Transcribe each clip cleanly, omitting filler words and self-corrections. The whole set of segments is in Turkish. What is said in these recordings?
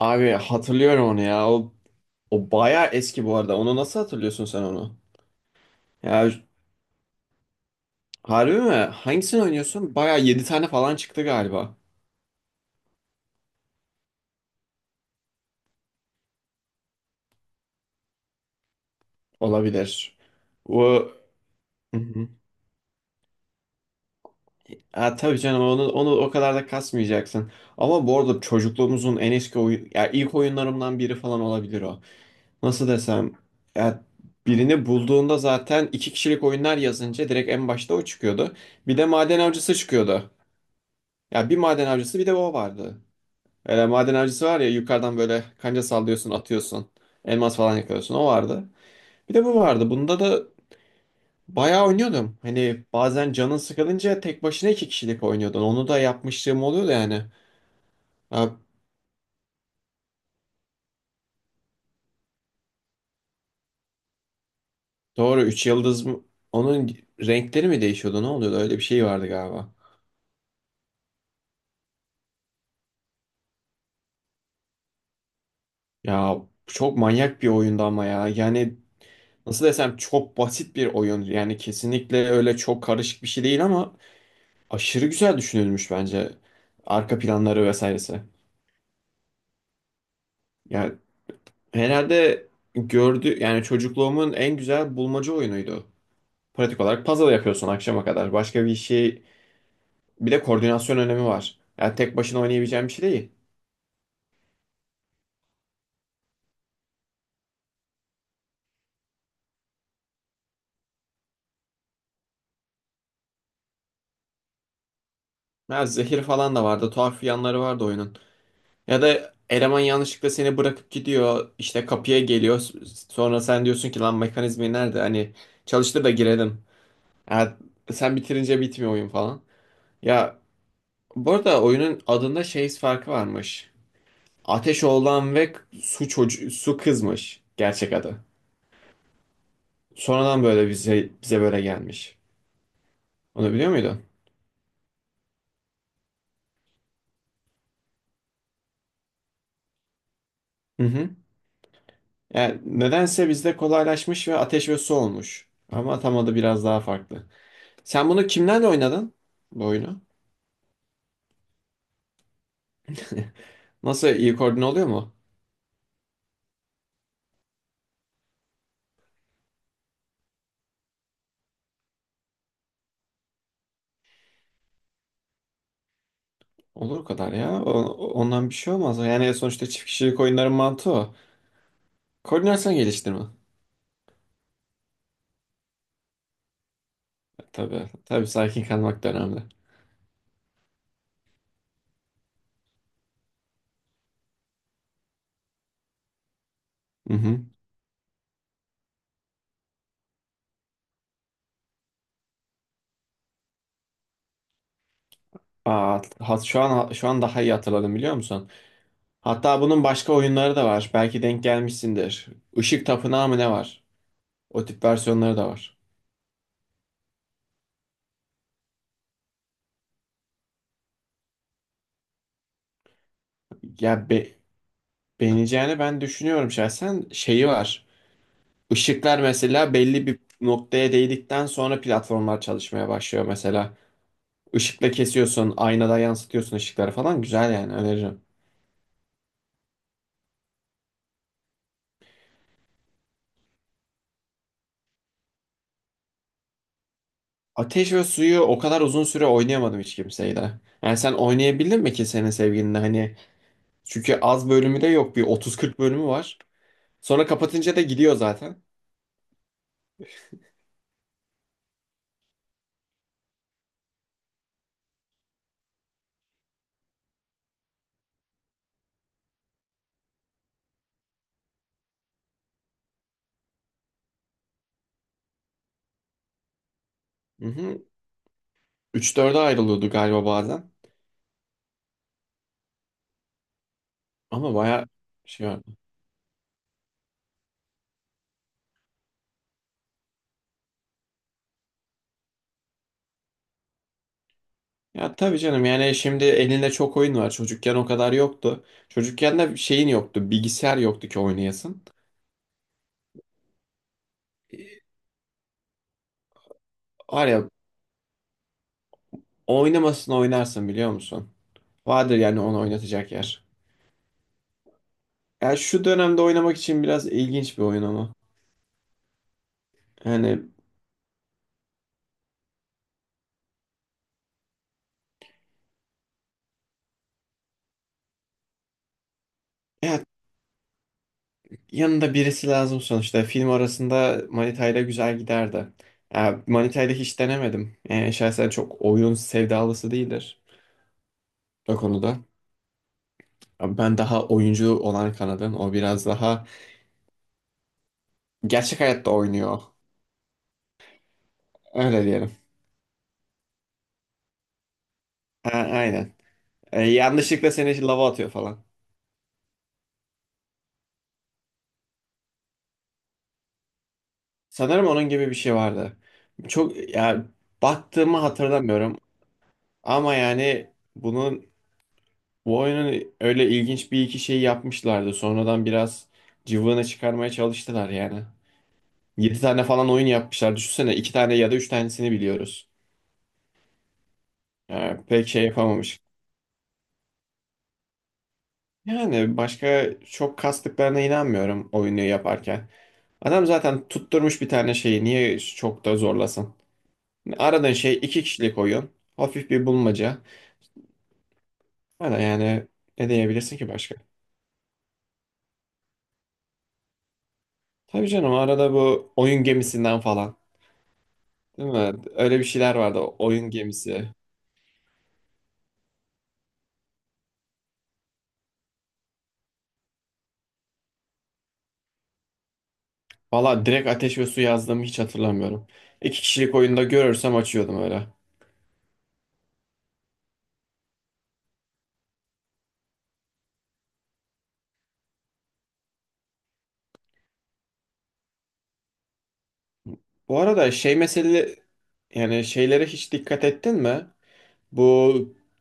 Abi hatırlıyorum onu ya. O bayağı eski bu arada. Onu nasıl hatırlıyorsun sen onu? Ya, harbi mi? Hangisini oynuyorsun? Bayağı 7 tane falan çıktı galiba. Olabilir. O... Hı hı. Ha, tabii canım onu, onu o kadar da kasmayacaksın. Ama bu arada çocukluğumuzun en eski oyun... Ya ilk oyunlarımdan biri falan olabilir o. Nasıl desem? Ya, birini bulduğunda zaten iki kişilik oyunlar yazınca direkt en başta o çıkıyordu. Bir de maden avcısı çıkıyordu. Ya, bir maden avcısı bir de o vardı. E, maden avcısı var ya, yukarıdan böyle kanca sallıyorsun, atıyorsun. Elmas falan yakalıyorsun. O vardı. Bir de bu vardı. Bunda da bayağı oynuyordum. Hani bazen canın sıkılınca tek başına iki kişilik oynuyordun. Onu da yapmışlığım oluyordu yani. Ha, doğru, 3 yıldız mı? Onun renkleri mi değişiyordu? Ne oluyordu? Öyle bir şey vardı galiba. Ya, çok manyak bir oyundu ama ya. Yani nasıl desem, çok basit bir oyun. Yani kesinlikle öyle çok karışık bir şey değil, ama aşırı güzel düşünülmüş bence. Arka planları vesairesi. Yani herhalde gördü yani, çocukluğumun en güzel bulmaca oyunuydu. Pratik olarak puzzle yapıyorsun akşama kadar. Başka bir şey, bir de koordinasyon önemi var. Yani tek başına oynayabileceğin bir şey değil. Ya, zehir falan da vardı. Tuhaf yanları vardı oyunun. Ya da eleman yanlışlıkla seni bırakıp gidiyor, işte kapıya geliyor. Sonra sen diyorsun ki lan, mekanizmi nerede? Hani çalıştır da girelim. Ya, sen bitirince bitmiyor oyun falan. Ya, bu arada oyunun adında şey farkı varmış. Ateşoğlan ve su çocuğu, su kızmış gerçek adı. Sonradan böyle bize böyle gelmiş. Onu biliyor muydun? Hı hı. Yani nedense bizde kolaylaşmış ve ateş ve su olmuş. Ama tam adı biraz daha farklı. Sen bunu kimlerle oynadın? Bu oyunu. Nasıl, iyi koordine oluyor mu? Olur o kadar ya. Ondan bir şey olmaz. Yani sonuçta çift kişilik oyunların mantığı o. Koordinasyon geliştirme. Tabii. Tabii sakin kalmak da önemli. Hı hı. Aa, şu an daha iyi hatırladım, biliyor musun? Hatta bunun başka oyunları da var. Belki denk gelmişsindir. Işık Tapınağı mı ne var? O tip versiyonları da var. Ya, beğeneceğini ben düşünüyorum şahsen. Şeyi var. Işıklar mesela belli bir noktaya değdikten sonra platformlar çalışmaya başlıyor mesela. Işıkla kesiyorsun, aynada yansıtıyorsun ışıkları falan. Güzel yani, öneririm. Ateş ve Suyu o kadar uzun süre oynayamadım hiç kimseyle. Yani sen oynayabildin mi ki senin sevgilinle hani? Çünkü az bölümü de yok. Bir 30-40 bölümü var. Sonra kapatınca da gidiyor zaten. Hı hı. 3-4'e ayrılıyordu galiba bazen. Ama bayağı şey vardı. Ya tabii canım, yani şimdi elinde çok oyun var. Çocukken o kadar yoktu. Çocukken de şeyin yoktu. Bilgisayar yoktu ki oynayasın. E, var ya, oynamasın oynarsın biliyor musun? Vardır yani onu oynatacak yer. Ya, şu dönemde oynamak için biraz ilginç bir oyun ama. Yani ya, yanında birisi lazım sonuçta. Film arasında Manita'yla güzel giderdi. Ya Manita'yla hiç denemedim. Yani şahsen çok oyun sevdalısı değildir o konuda. Abi ben daha oyuncu olan kanadın. O biraz daha gerçek hayatta oynuyor. Öyle diyelim. Aynen. E, yanlışlıkla seni lava atıyor falan. Sanırım onun gibi bir şey vardı. Çok ya, baktığımı hatırlamıyorum. Ama yani bunun, bu oyunun öyle ilginç bir iki şey yapmışlardı. Sonradan biraz cıvığını çıkarmaya çalıştılar yani. 7 tane falan oyun yapmışlar. Düşünsene 2 tane ya da 3 tanesini biliyoruz. Yani pek şey yapamamış. Yani başka çok kastıklarına inanmıyorum oyunu yaparken. Adam zaten tutturmuş bir tane şeyi, niye çok da zorlasın? Aradığın şey iki kişilik oyun. Hafif bir bulmaca. Hala yani ne diyebilirsin ki başka? Tabii canım, arada bu oyun gemisinden falan. Değil mi? Öyle bir şeyler vardı, oyun gemisi. Valla direkt ateş ve su yazdığımı hiç hatırlamıyorum. İki kişilik oyunda görürsem açıyordum öyle. Bu arada şey, mesele yani, şeylere hiç dikkat ettin mi? Bu,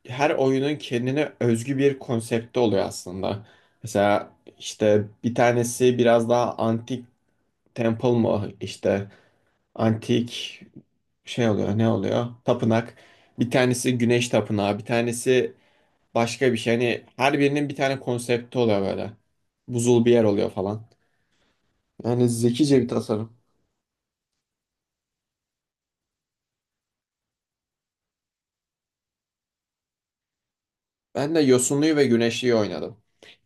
her oyunun kendine özgü bir konsepti oluyor aslında. Mesela işte bir tanesi biraz daha antik, temple mı işte, antik şey oluyor ne oluyor, tapınak. Bir tanesi güneş tapınağı, bir tanesi başka bir şey. Hani her birinin bir tane konsepti oluyor böyle. Buzul bir yer oluyor falan. Yani zekice bir tasarım. Ben de yosunluyu ve güneşliyi oynadım.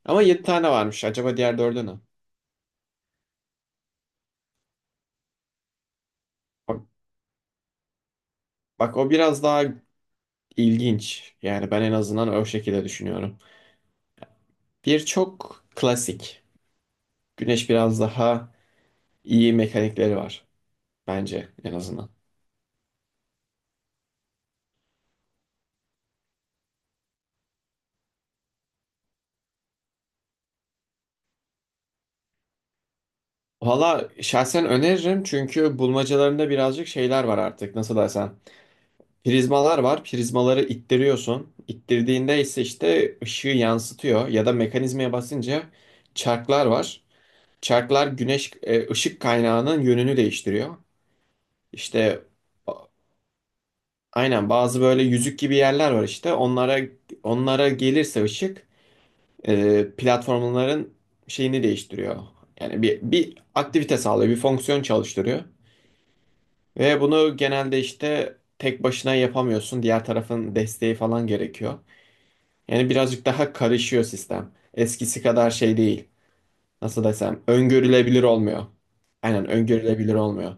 Ama 7 tane varmış. Acaba diğer dördü ne? Bak, bak o biraz daha İlginç. Yani ben en azından o şekilde düşünüyorum. Bir, çok klasik. Güneş biraz daha iyi mekanikleri var. Bence en azından. Valla şahsen öneririm, çünkü bulmacalarında birazcık şeyler var artık. Nasıl desem. Prizmalar var. Prizmaları ittiriyorsun. İttirdiğinde ise işte ışığı yansıtıyor. Ya da mekanizmaya basınca çarklar var. Çarklar güneş, ışık kaynağının yönünü değiştiriyor. İşte aynen, bazı böyle yüzük gibi yerler var işte. Onlara gelirse ışık, platformların şeyini değiştiriyor. Yani bir aktivite sağlıyor, bir fonksiyon çalıştırıyor. Ve bunu genelde işte tek başına yapamıyorsun. Diğer tarafın desteği falan gerekiyor. Yani birazcık daha karışıyor sistem. Eskisi kadar şey değil. Nasıl desem, öngörülebilir olmuyor. Aynen, öngörülebilir olmuyor.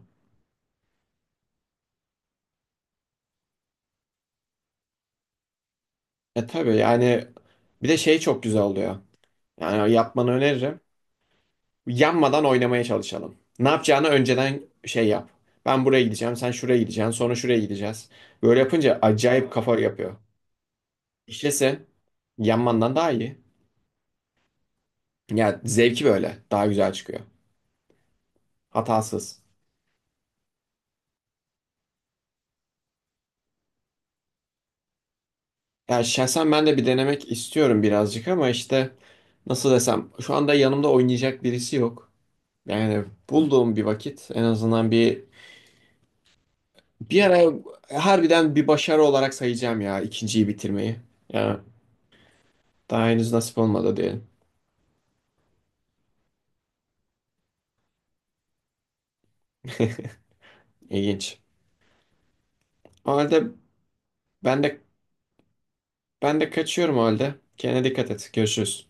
E tabii yani, bir de şey çok güzel oluyor. Yani yapmanı öneririm. Yanmadan oynamaya çalışalım. Ne yapacağını önceden şey yap. Ben buraya gideceğim, sen şuraya gideceksin, sonra şuraya gideceğiz. Böyle yapınca acayip kafa yapıyor. İşlese yanmandan daha iyi. Yani zevki böyle daha güzel çıkıyor. Hatasız. Ya şahsen ben de bir denemek istiyorum birazcık, ama işte nasıl desem, şu anda yanımda oynayacak birisi yok. Yani bulduğum bir vakit, en azından bir bir ara harbiden bir başarı olarak sayacağım ya, ikinciyi bitirmeyi. Ya, daha henüz nasip olmadı diyelim. İlginç. O halde ben de ben de kaçıyorum o halde. Kendine dikkat et. Görüşürüz.